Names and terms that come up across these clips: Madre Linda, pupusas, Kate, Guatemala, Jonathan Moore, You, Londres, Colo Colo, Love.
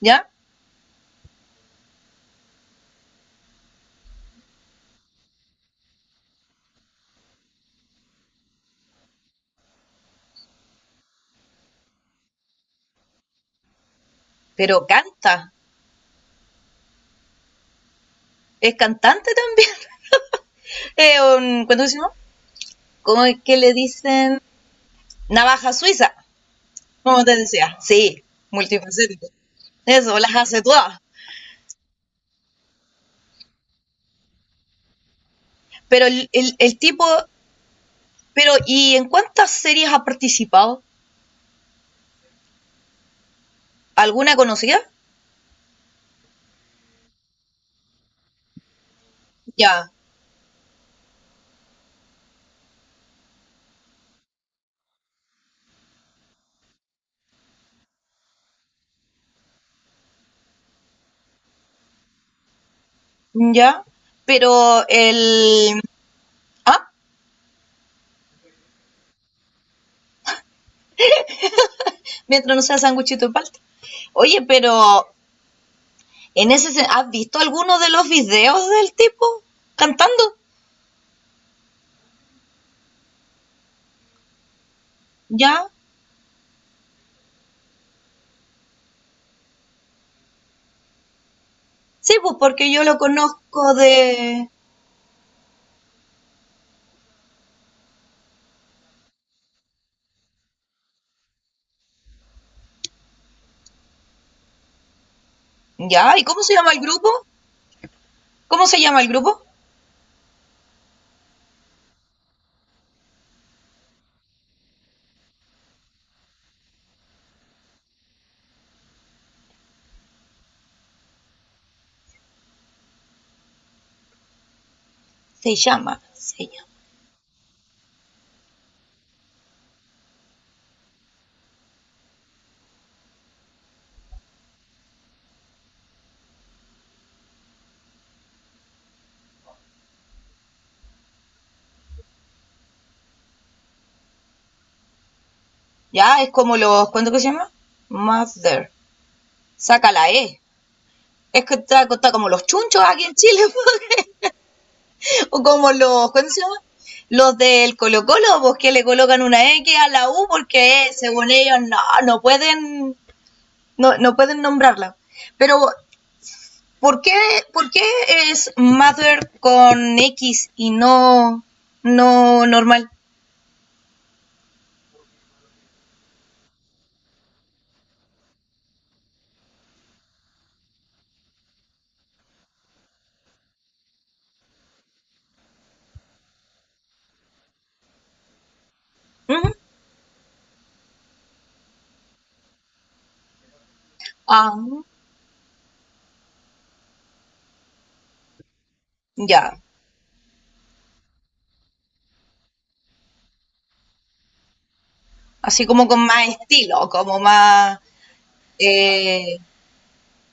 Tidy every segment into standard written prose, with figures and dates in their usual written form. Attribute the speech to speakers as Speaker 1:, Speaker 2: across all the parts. Speaker 1: ¿Ya? Pero canta, es cantante también. Eh, ¿Cuánto decimos? ¿Cómo es que le dicen? Navaja suiza, como te decía. Sí, multifacético. Eso, las hace todas. Pero el tipo, pero ¿y en cuántas series ha participado? ¿Alguna conocida? Ya, ya. Pero el... Ah, mientras no sea sanguchito de palta. Oye, pero ¿has visto alguno de los videos del tipo cantando? Ya, sí, pues porque yo lo conozco de... Ya, ¿y cómo se llama el grupo? ¿Cómo se llama el grupo? Se llama. Ya, es como los... ¿Cuánto que se llama? Mother. Saca la E. Es que está como los chunchos aquí en Chile, o como los... ¿Cuánto se llama? Los del Colo Colo, pues que le colocan una X a la U porque según ellos no, no pueden, no pueden nombrarla. Pero ¿por qué, por qué es Mother con X y no, no normal? ¿Mm? Ah, ya. Así como con más estilo, como más... eh,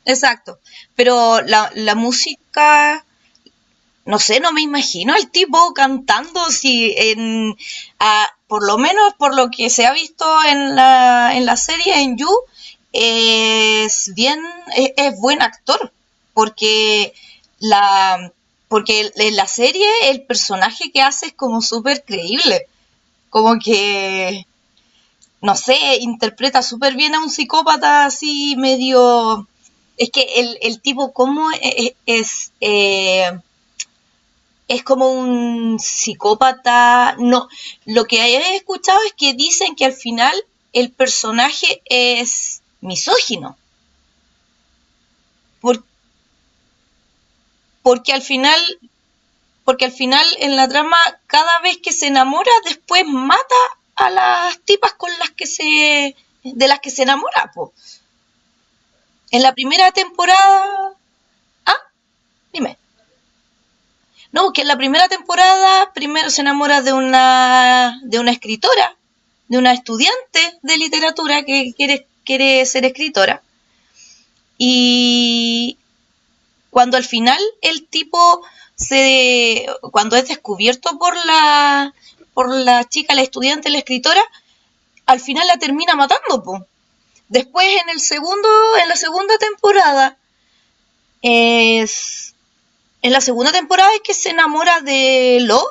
Speaker 1: exacto. Pero la música no sé, no me imagino al tipo cantando si en, a, por lo menos por lo que se ha visto en en la serie, en You, es bien, es buen actor, porque la, porque en la serie el personaje que hace es como súper creíble, como que, no sé, interpreta súper bien a un psicópata así medio... Es que el tipo, ¿cómo es? Es es como un psicópata. No, lo que he escuchado es que dicen que al final el personaje es misógino, por- porque al final, porque al final en la trama cada vez que se enamora después mata a las tipas con las que se de las que se enamora, po. En la primera temporada, ah, dime. No, porque en la primera temporada primero se enamora de de una escritora, de una estudiante de literatura que quiere, quiere ser escritora. Y cuando al final el tipo se cuando es descubierto por la chica, la estudiante, la escritora, al final la termina matando, po. Después en el segundo, en la segunda temporada, es en la segunda temporada es que se enamora de Love,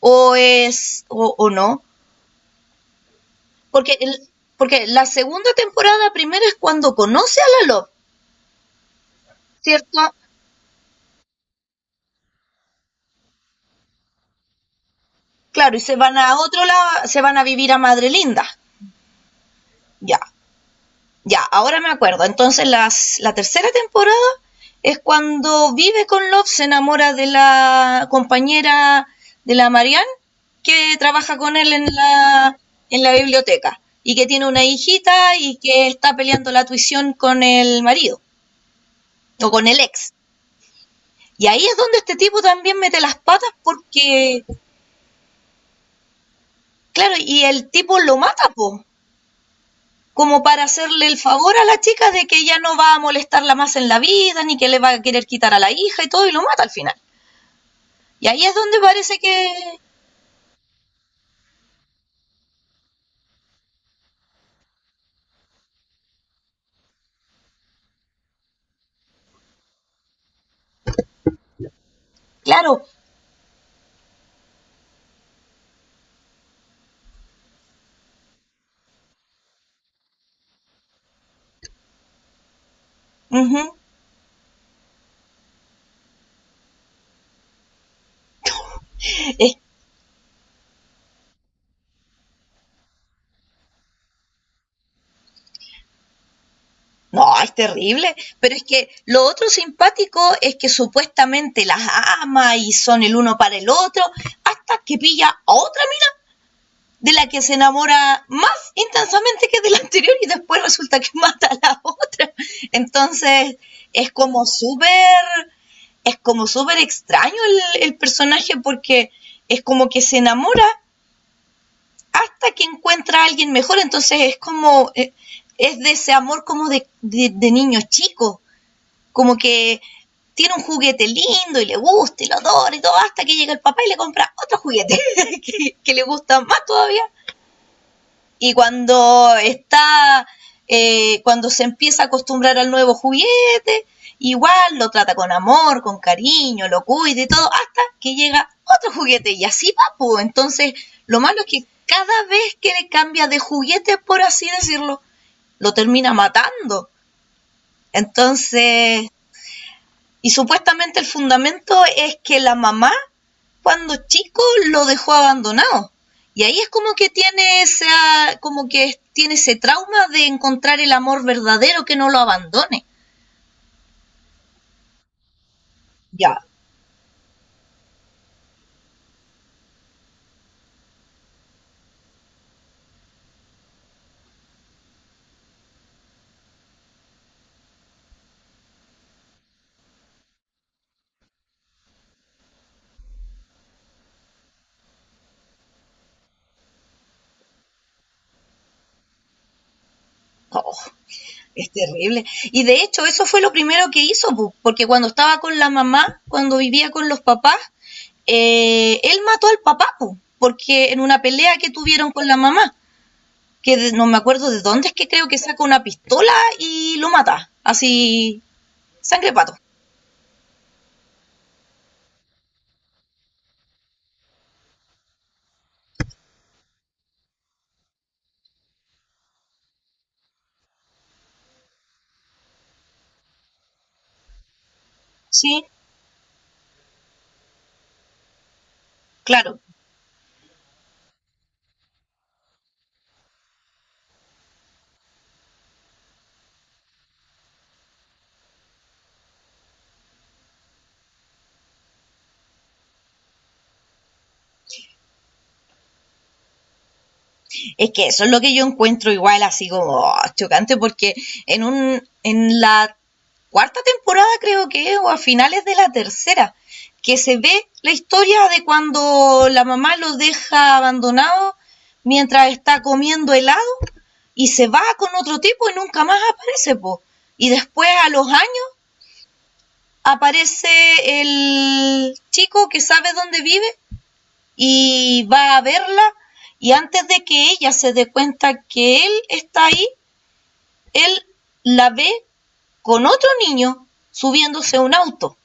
Speaker 1: o es o no, porque el, porque la segunda temporada primero es cuando conoce a la Love, ¿cierto? Claro, y se van a otro lado, se van a vivir a Madre Linda. Ya, ya, ahora me acuerdo. Entonces la tercera temporada es cuando vive con Love, se enamora de la compañera de la Marianne, que trabaja con él en en la biblioteca, y que tiene una hijita y que está peleando la tuición con el marido, o con el ex. Y ahí es donde este tipo también mete las patas porque, claro, y el tipo lo mata, po, como para hacerle el favor a la chica de que ya no va a molestarla más en la vida, ni que le va a querer quitar a la hija y todo, y lo mata al final. Y ahí es donde parece que, claro, uh -huh, es, no, es terrible, pero es que lo otro simpático es que supuestamente las ama y son el uno para el otro, hasta que pilla a otra mina de la que se enamora más intensamente que de la anterior y después resulta que mata a la otra. Entonces es como súper, es como súper extraño el personaje porque es como que se enamora hasta que encuentra a alguien mejor. Entonces es como, es de ese amor como de niño chico, como que tiene un juguete lindo y le gusta y lo adora y todo, hasta que llega el papá y le compra otro juguete que le gusta más todavía y cuando está, cuando se empieza a acostumbrar al nuevo juguete, igual lo trata con amor, con cariño, lo cuida y todo, hasta que llega otro juguete y así va, pues. Entonces, lo malo es que cada vez que le cambia de juguete, por así decirlo, lo termina matando. Entonces, y supuestamente el fundamento es que la mamá cuando chico lo dejó abandonado. Y ahí es como que tiene esa, como que tiene ese trauma de encontrar el amor verdadero que no lo abandone. Ya, oh, es terrible. Y de hecho, eso fue lo primero que hizo, porque cuando estaba con la mamá, cuando vivía con los papás, él mató al papá, porque en una pelea que tuvieron con la mamá, que no me acuerdo de dónde es que creo que saca una pistola y lo mata, así, sangre pato. Sí, claro. Es que eso es lo que yo encuentro igual así como oh, chocante porque en la cuarta temporada creo que es, o a finales de la tercera, que se ve la historia de cuando la mamá lo deja abandonado mientras está comiendo helado y se va con otro tipo y nunca más aparece, po. Y después a los años aparece el chico que sabe dónde vive y va a verla y antes de que ella se dé cuenta que él está ahí, él la ve con otro niño subiéndose a un auto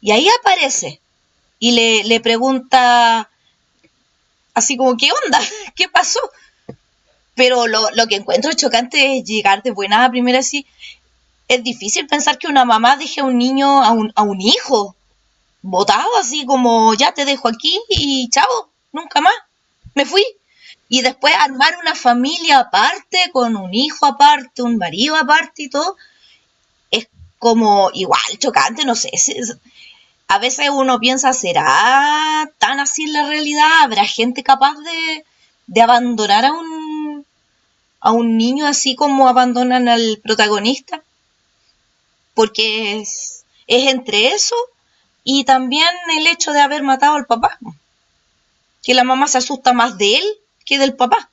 Speaker 1: y ahí aparece y le pregunta así como, ¿qué onda? ¿Qué pasó? Pero lo que encuentro chocante es llegar de buena a primera así. Es difícil pensar que una mamá deje a un niño, a un hijo, botado, así como ya te dejo aquí y chao, nunca más. Me fui. Y después armar una familia aparte, con un hijo aparte, un marido aparte y todo, es como igual chocante, no sé. A veces uno piensa, ¿será tan así la realidad? ¿Habrá gente capaz de abandonar a un niño así como abandonan al protagonista? Porque es entre eso y también el hecho de haber matado al papá, que la mamá se asusta más de él que del papá.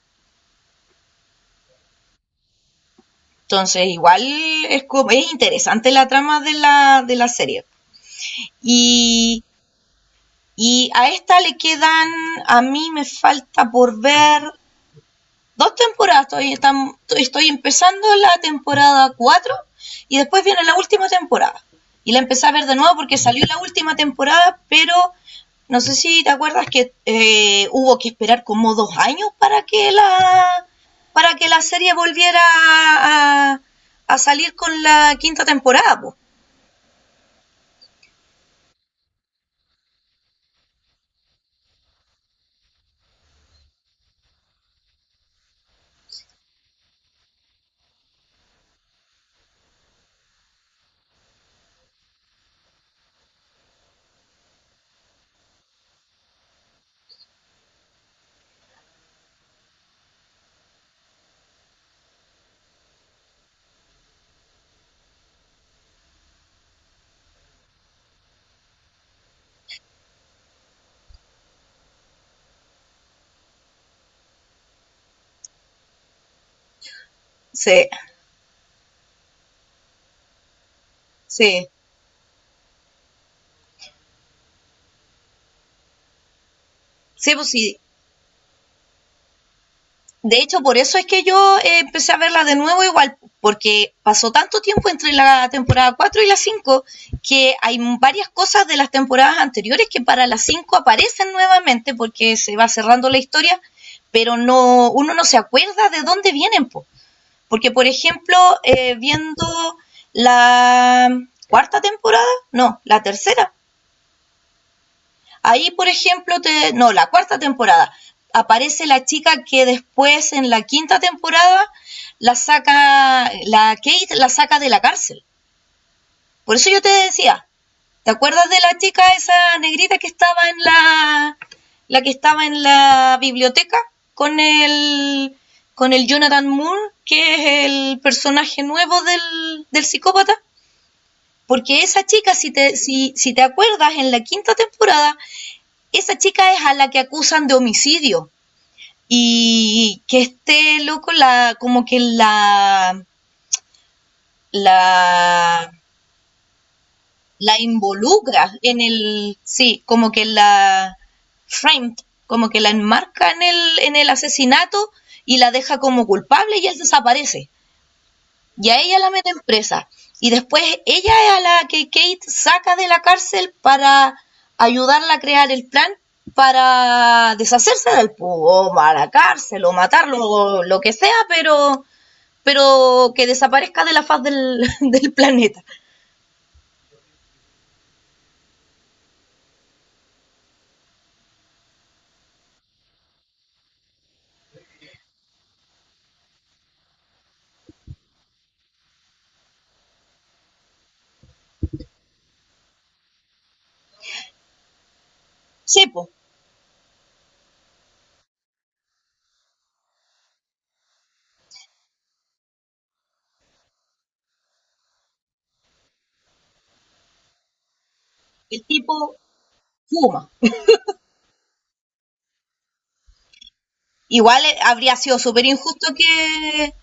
Speaker 1: Entonces, igual es, es interesante la trama de de la serie. Y, y a esta le quedan, a mí me falta por ver dos temporadas, estoy empezando la temporada 4 y después viene la última temporada. Y la empecé a ver de nuevo porque salió la última temporada, pero no sé si te acuerdas que hubo que esperar como dos años para que la serie volviera a, a salir con la quinta temporada, po. Sí, sí, sí, pues sí. De hecho, por eso es que yo empecé a verla de nuevo igual, porque pasó tanto tiempo entre la temporada 4 y la cinco que hay varias cosas de las temporadas anteriores que para la 5 aparecen nuevamente porque se va cerrando la historia, pero no uno no se acuerda de dónde vienen, po. Porque, por ejemplo, viendo la cuarta temporada, no, la tercera, ahí, por ejemplo, no, la cuarta temporada, aparece la chica que después en la quinta temporada la saca, la Kate la saca de la cárcel. Por eso yo te decía, ¿te acuerdas de la chica esa negrita que estaba en la que estaba en la biblioteca con con el Jonathan Moore, que es el personaje nuevo del psicópata? Porque esa chica, si te acuerdas, en la quinta temporada esa chica es a la que acusan de homicidio y que este loco la la involucra en el sí, como que la framed, como que la enmarca en el asesinato y la deja como culpable y él desaparece. Y a ella la meten presa. Y después ella es a la que Kate saca de la cárcel para ayudarla a crear el plan para deshacerse del o a la cárcel o matarlo o lo que sea, pero que desaparezca de la faz del, del planeta. Sepo, el tipo fuma. Igual habría sido súper injusto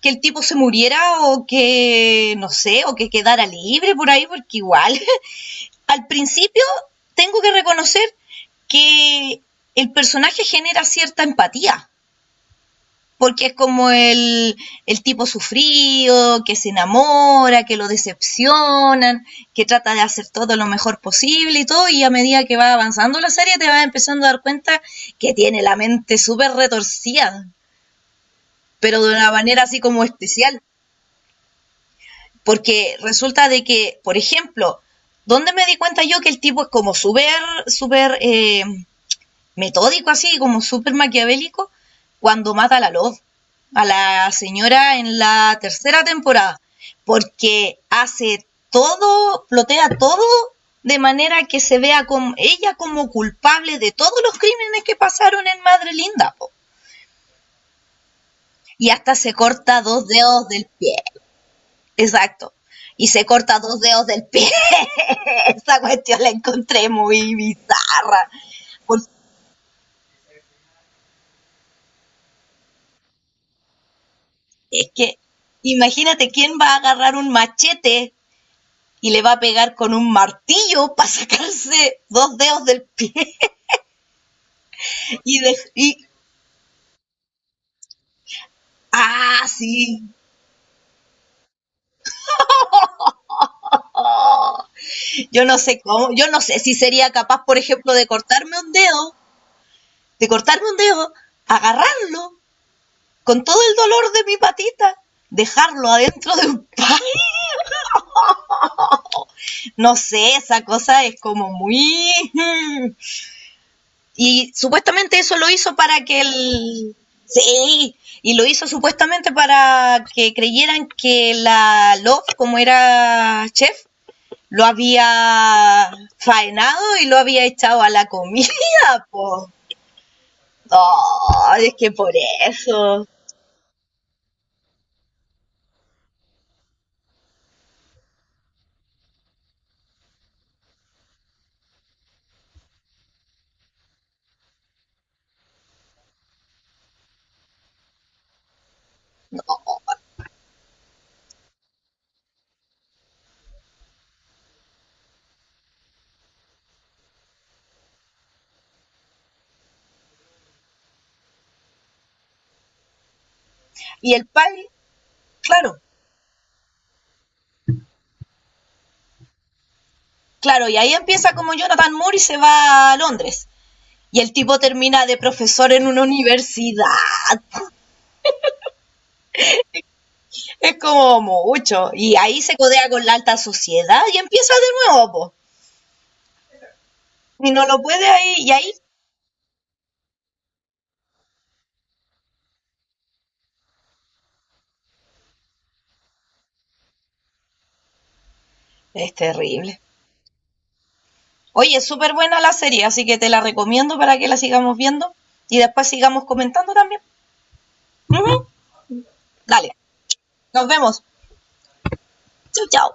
Speaker 1: que el tipo se muriera o que, no sé, o que quedara libre por ahí, porque igual al principio tengo que reconocer que el personaje genera cierta empatía, porque es como el tipo sufrido, que se enamora, que lo decepcionan, que trata de hacer todo lo mejor posible y todo, y a medida que va avanzando la serie te vas empezando a dar cuenta que tiene la mente súper retorcida, pero de una manera así como especial, porque resulta de que, por ejemplo, ¿dónde me di cuenta yo que el tipo es como súper... metódico así, como súper maquiavélico, cuando mata a la Love, a la señora en la tercera temporada, porque hace todo, plotea todo de manera que se vea con ella como culpable de todos los crímenes que pasaron en Madre Linda, po. Y hasta se corta dos dedos del pie. Exacto. Y se corta dos dedos del pie. Esa cuestión la encontré muy bizarra. Porque es que, imagínate quién va a agarrar un machete y le va a pegar con un martillo para sacarse dos dedos del pie y ah sí yo no sé cómo yo no sé si sería capaz por ejemplo de cortarme un dedo de cortarme un dedo agarrarlo con todo el dolor de mi patita dejarlo adentro de un pan no sé esa cosa es como muy y supuestamente eso lo hizo para que el... Sí, y lo hizo supuestamente para que creyeran que la Love, como era chef, lo había faenado y lo había echado a la comida, pues. Oh, es que por eso. No. Y el pai, claro, claro, y ahí empieza como Jonathan Moore y se va a Londres. Y el tipo termina de profesor en una universidad, es como mucho. Y ahí se codea con la alta sociedad y empieza de nuevo, po. Y no lo puede ahí, y ahí es terrible. Oye, es súper buena la serie, así que te la recomiendo para que la sigamos viendo y después sigamos comentando también. Ujú. Dale, nos vemos. Chau, chau.